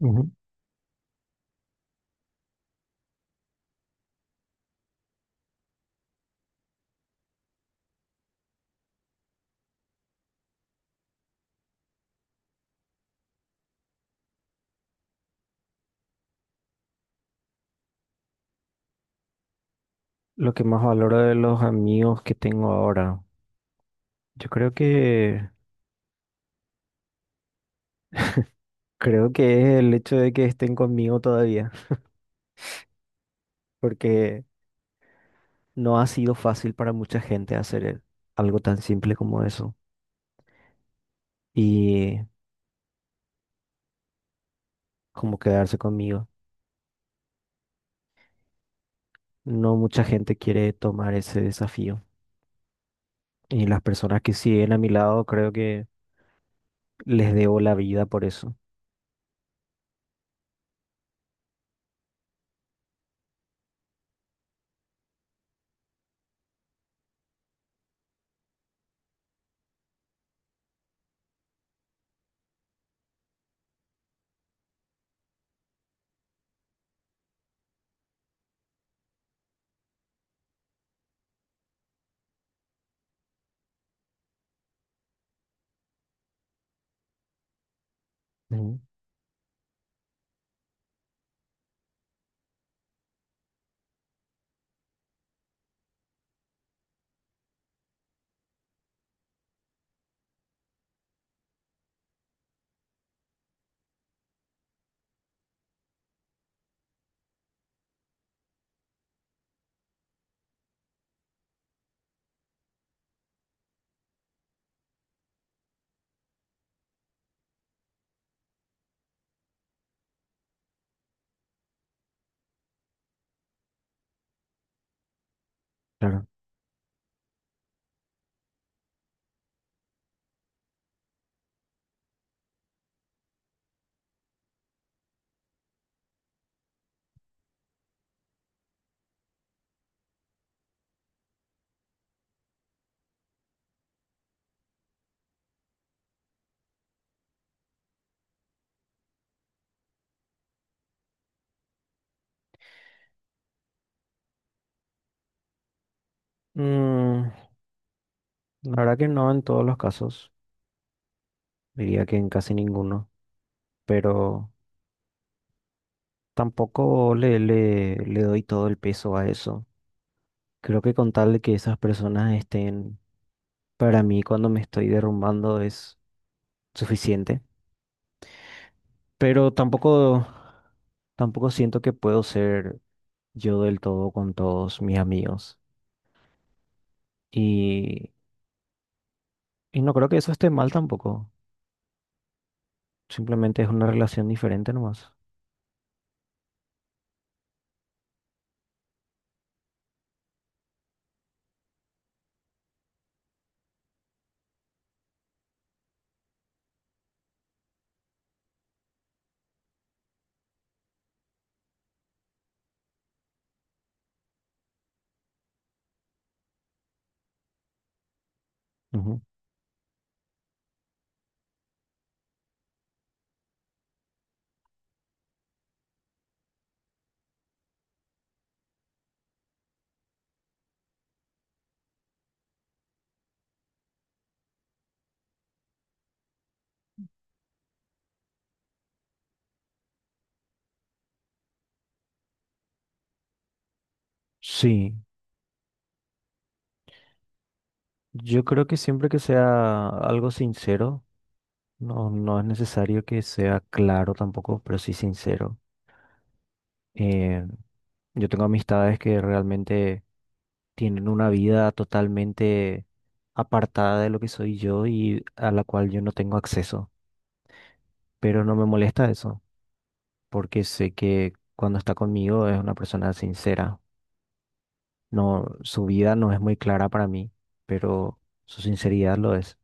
Ujú. Lo que más valoro de los amigos que tengo ahora, yo creo que es el hecho de que estén conmigo todavía, porque no ha sido fácil para mucha gente algo tan simple como eso y como quedarse conmigo. No mucha gente quiere tomar ese desafío y las personas que siguen a mi lado creo que les debo la vida por eso. Ujú. Claro. Mm, la verdad que no en todos los casos, diría que en casi ninguno, pero tampoco le doy todo el peso a eso. Creo que con tal de que esas personas estén para mí cuando me estoy derrumbando es suficiente. Pero tampoco siento que puedo ser yo del todo con todos mis amigos. Y, y no creo que eso esté mal tampoco. Simplemente es una relación diferente nomás. Ujú. Sí, yo creo que siempre que sea algo sincero, no es necesario que sea claro tampoco, pero sí sincero. Eh, yo tengo amistades que realmente tienen una vida totalmente apartada de lo que soy yo y a la cual yo no tengo acceso, pero no me molesta eso, porque sé que cuando está conmigo es una persona sincera. No, su vida no es muy clara para mí, pero su sinceridad lo es.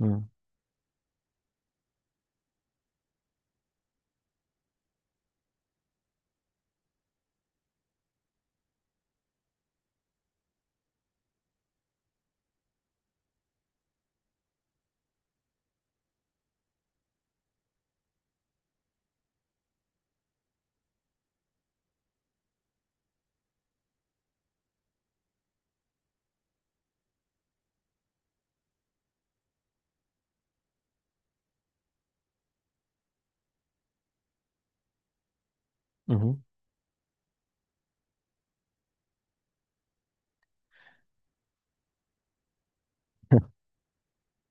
Mm, ujú.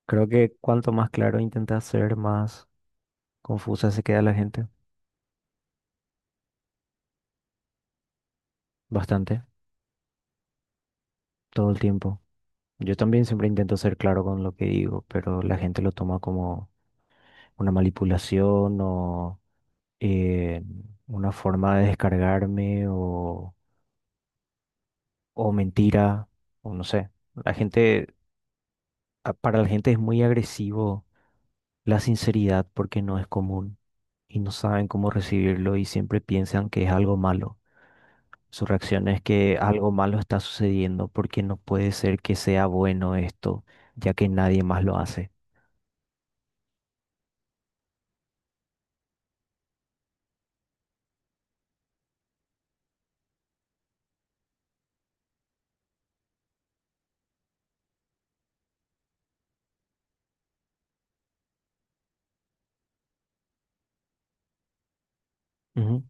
Creo que cuanto más claro intenta ser, más confusa se queda la gente. Bastante, todo el tiempo. Yo también siempre intento ser claro con lo que digo, pero la gente lo toma como una manipulación o eh, una forma de o mentira, o no sé. La gente, para la gente es muy agresivo la sinceridad porque no es común y no saben cómo recibirlo y siempre piensan que es algo malo. Su reacción es que algo malo está sucediendo porque no puede ser que sea bueno esto, ya que nadie más lo hace. Ujú.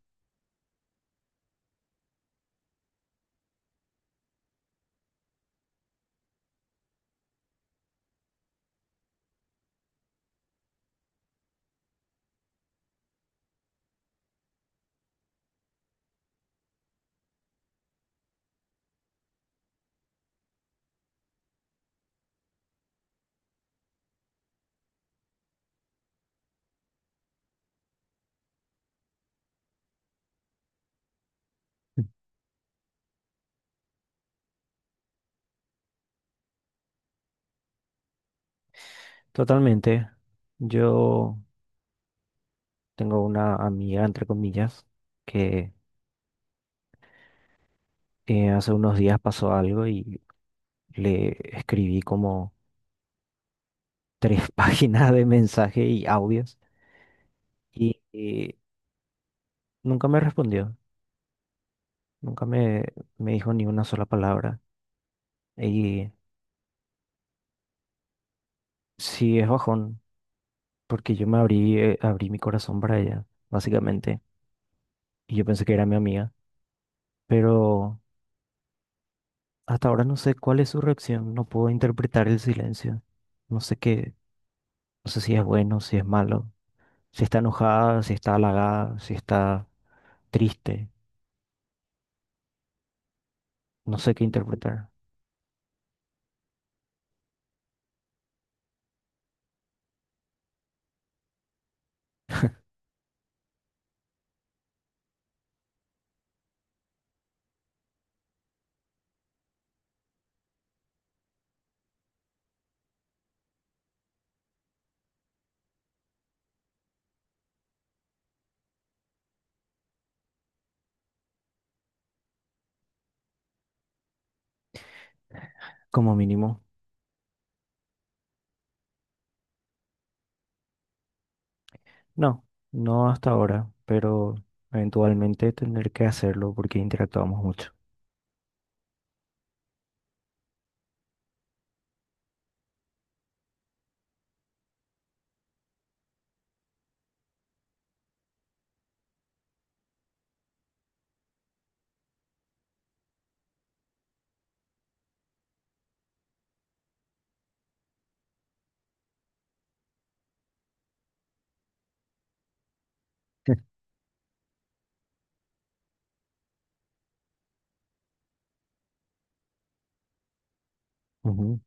Totalmente. Yo tengo una amiga, entre comillas, que hace unos días pasó algo y le escribí como tres páginas de mensaje y audios y nunca me respondió, nunca me, me dijo ni una sola palabra. Y sí es bajón, porque yo me abrí, abrí mi corazón para ella, básicamente, y yo pensé que era mi amiga, pero hasta ahora no sé cuál es su reacción, no puedo interpretar el silencio, no sé qué. No sé si es bueno, si es malo, si está enojada, si está halagada, si está triste. No sé qué interpretar. Como mínimo, no, no hasta ahora, pero eventualmente tendré que hacerlo porque interactuamos mucho. Ujú.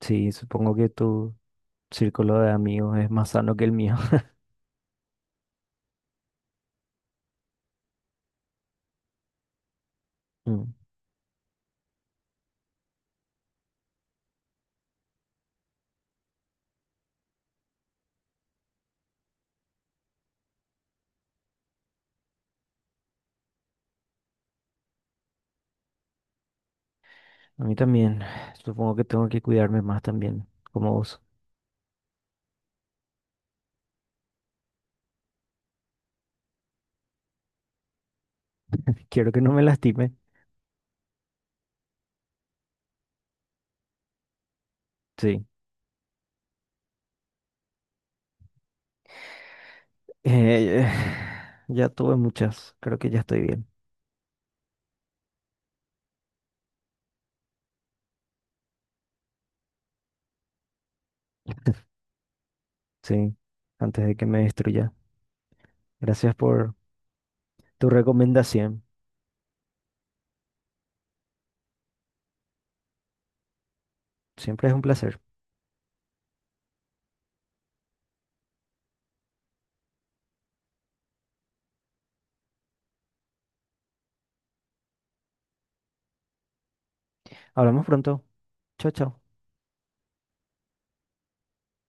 Sí, supongo que tu círculo de amigos es más sano que el mío. Mm. A mí también. Supongo que tengo que cuidarme más también, como vos. Quiero que no me lastime. Sí. Eh, ya tuve muchas. Creo que ya estoy bien. Sí, antes de que me destruya. Gracias por tu recomendación. Siempre es un placer. Hablamos pronto. Chao, chao.